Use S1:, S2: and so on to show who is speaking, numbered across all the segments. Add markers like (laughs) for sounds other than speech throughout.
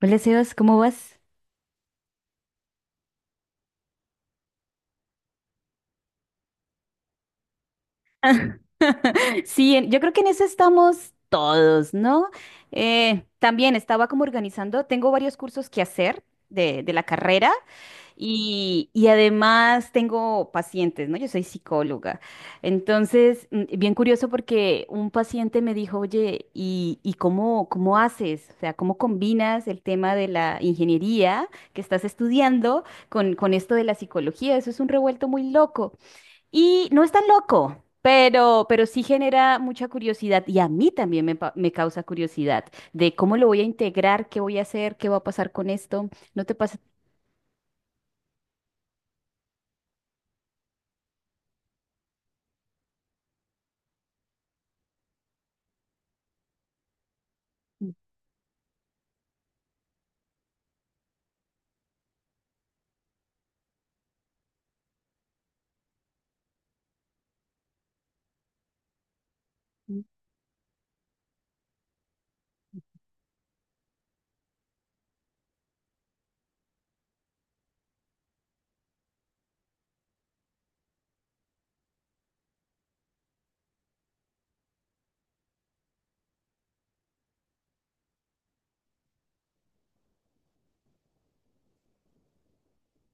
S1: Hola Sebas, ¿cómo vas? Sí, yo creo que en eso estamos todos, ¿no? También estaba como organizando, tengo varios cursos que hacer de la carrera y además tengo pacientes, ¿no? Yo soy psicóloga. Entonces, bien curioso porque un paciente me dijo, oye, ¿ y cómo, ¿cómo haces? O sea, ¿cómo combinas el tema de la ingeniería que estás estudiando con esto de la psicología? Eso es un revuelto muy loco. Y no es tan loco, pero sí genera mucha curiosidad y a mí también me causa curiosidad de cómo lo voy a integrar, qué voy a hacer, qué va a pasar con esto. ¿No te pasa?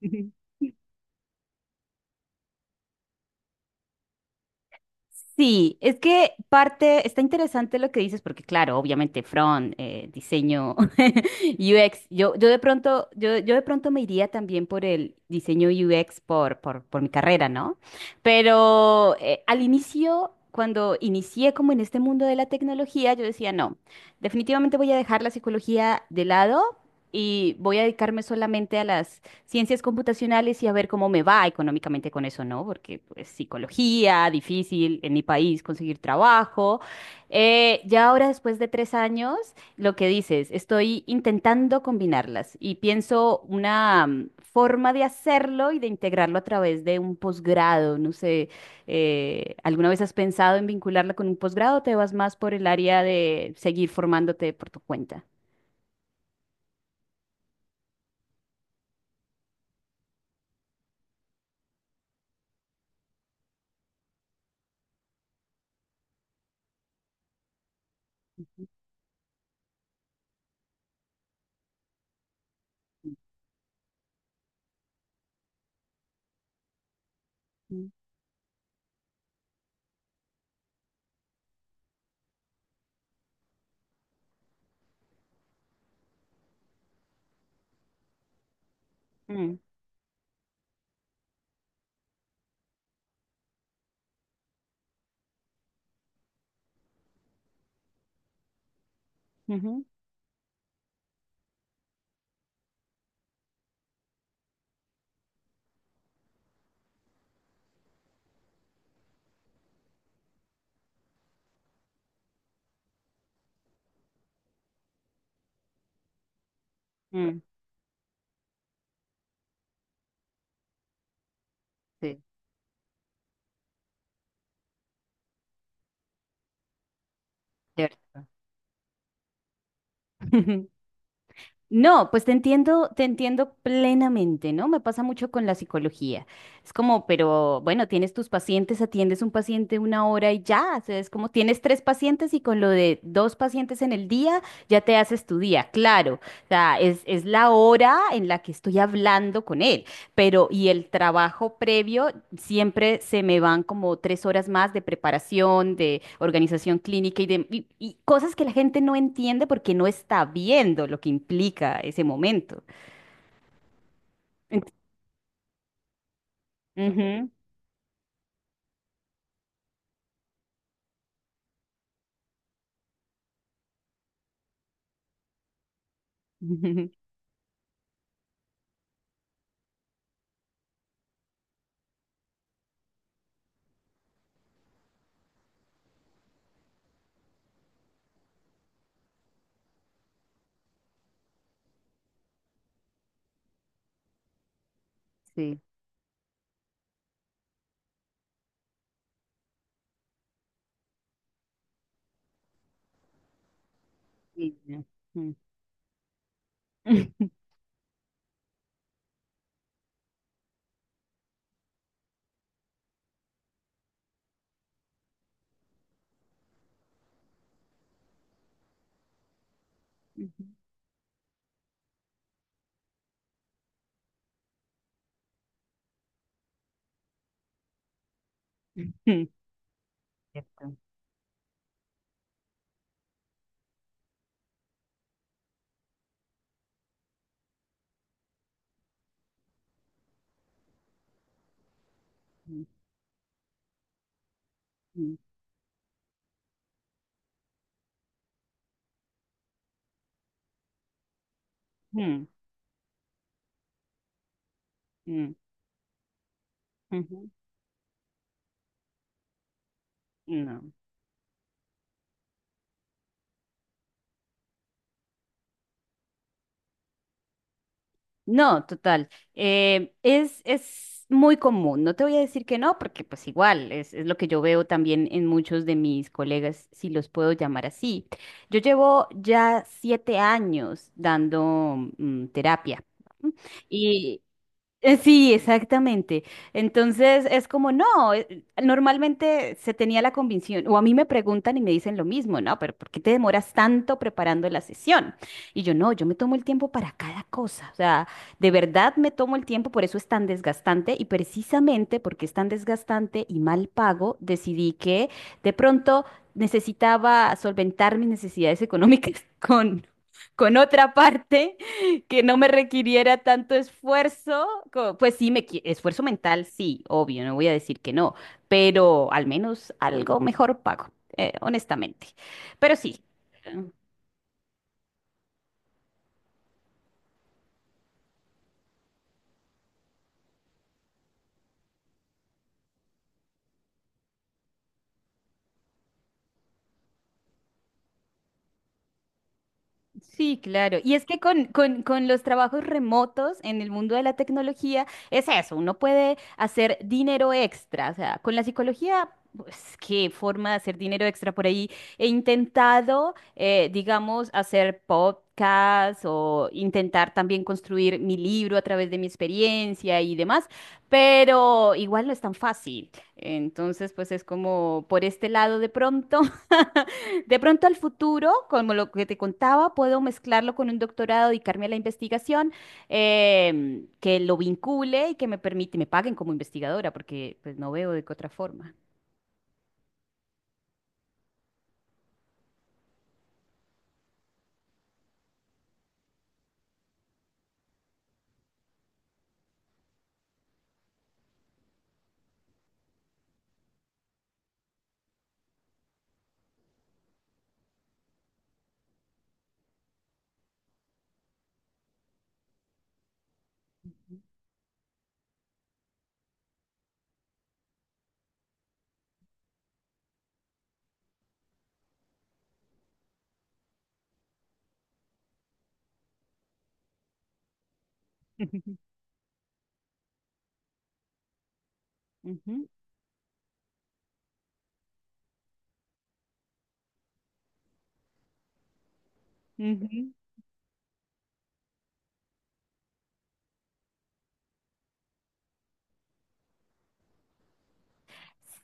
S1: (laughs) Sí, es que parte, está interesante lo que dices, porque claro, obviamente front, diseño (laughs) UX, yo de pronto, yo de pronto me iría también por el diseño UX por mi carrera, ¿no? Pero al inicio, cuando inicié como en este mundo de la tecnología, yo decía, no, definitivamente voy a dejar la psicología de lado y voy a dedicarme solamente a las ciencias computacionales y a ver cómo me va económicamente con eso, ¿no? Porque pues psicología, difícil en mi país conseguir trabajo. Ya ahora después de tres años, lo que dices, estoy intentando combinarlas y pienso una forma de hacerlo y de integrarlo a través de un posgrado. No sé, ¿alguna vez has pensado en vincularla con un posgrado o te vas más por el área de seguir formándote por tu cuenta? Mm, mm, ujú, mm, sí, cierto. Ujú. No, pues te entiendo plenamente, ¿no? Me pasa mucho con la psicología. Es como, pero bueno, tienes tus pacientes, atiendes un paciente una hora y ya, o sea, es como tienes tres pacientes y con lo de dos pacientes en el día ya te haces tu día, claro. O sea, es la hora en la que estoy hablando con él pero y el trabajo previo siempre se me van como tres horas más de preparación, de organización clínica y y cosas que la gente no entiende porque no está viendo lo que implica ese momento. Ent- Ujú. (laughs) Ujú. Sí. Sí, no. Mm. (laughs) Ujú. Cierto. Mm, mm, mm, mm, ujú. No. No, total. Es muy común. No te voy a decir que no, porque pues igual es lo que yo veo también en muchos de mis colegas, si los puedo llamar así. Yo llevo ya siete años dando terapia. ¿M? Y sí, exactamente. Entonces es como, no, normalmente se tenía la convicción, o a mí me preguntan y me dicen lo mismo, ¿no? Pero ¿por qué te demoras tanto preparando la sesión? Y yo, no, yo me tomo el tiempo para cada cosa, o sea, de verdad me tomo el tiempo, por eso es tan desgastante y precisamente porque es tan desgastante y mal pago, decidí que de pronto necesitaba solventar mis necesidades económicas (laughs) con otra parte (laughs) que no me requiriera tanto esfuerzo, pues sí, esfuerzo mental, sí, obvio, no voy a decir que no, pero al menos algo mejor pago, honestamente. Pero sí. em, Sí, claro. Y es que con los trabajos remotos en el mundo de la tecnología es eso, uno puede hacer dinero extra. O sea, con la psicología, pues qué forma de hacer dinero extra por ahí. He intentado, digamos, hacer podcasts o intentar también construir mi libro a través de mi experiencia y demás, pero igual no es tan fácil. Entonces, pues es como por este lado de pronto. (laughs) De pronto al futuro, como lo que te contaba, puedo mezclarlo con un doctorado, dedicarme a la investigación, que lo vincule y que me permite, me paguen como investigadora, porque pues no veo de qué otra forma. (laughs) Ujú, ujú,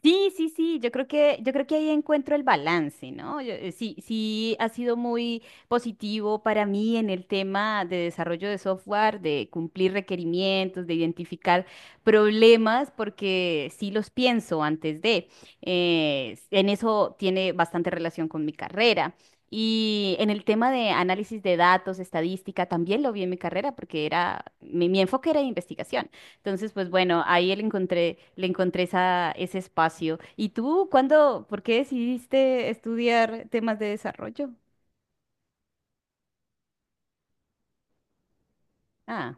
S1: sí, yo creo que ahí encuentro el balance, ¿no? Sí, sí ha sido muy positivo para mí en el tema de desarrollo de software, de cumplir requerimientos, de identificar problemas, porque sí los pienso antes de. En eso tiene bastante relación con mi carrera. Y en el tema de análisis de datos, estadística, también lo vi en mi carrera porque era, mi enfoque era de investigación. Entonces, pues bueno, ahí le encontré esa, ese espacio. ¿Y tú cuándo, por qué decidiste estudiar temas de desarrollo? Ah,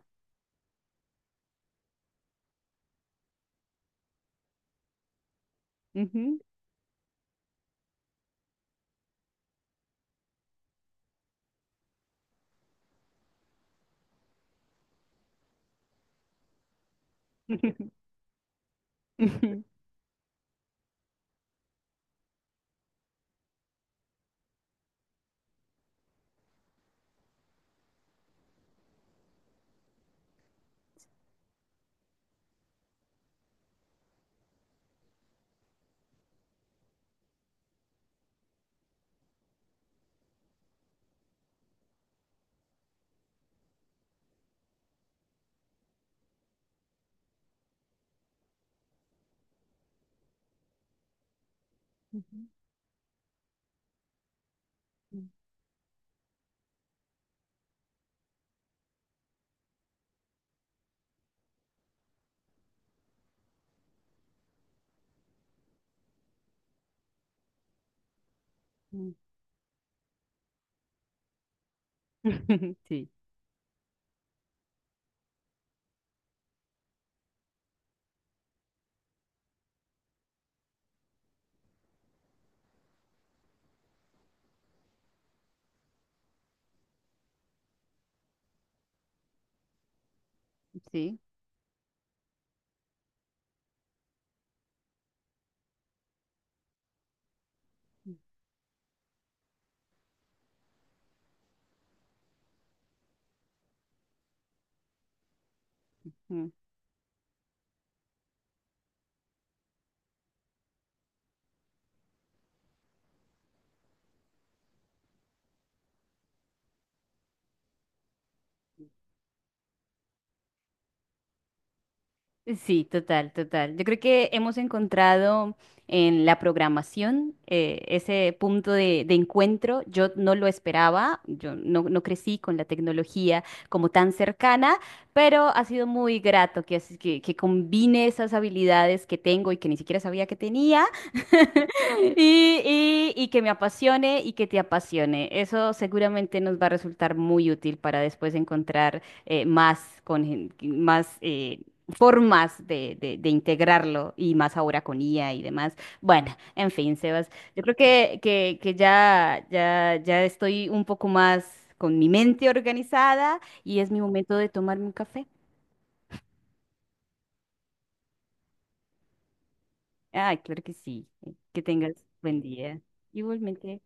S1: ujú. (laughs) Ujú, ujú, ujú. (laughs) Sí, sí. Sí, total, total. Yo creo que hemos encontrado en la programación ese punto de encuentro. Yo no lo esperaba, yo no, no crecí con la tecnología como tan cercana, pero ha sido muy grato que combine esas habilidades que tengo y que ni siquiera sabía que tenía (laughs) y que me apasione y que te apasione. Eso seguramente nos va a resultar muy útil para después encontrar más formas de integrarlo y más ahora con IA y demás. Bueno, en fin, Sebas, yo creo que ya, ya estoy un poco más con mi mente organizada y es mi momento de tomarme un café. Ay, claro que sí. Que tengas buen día. Igualmente.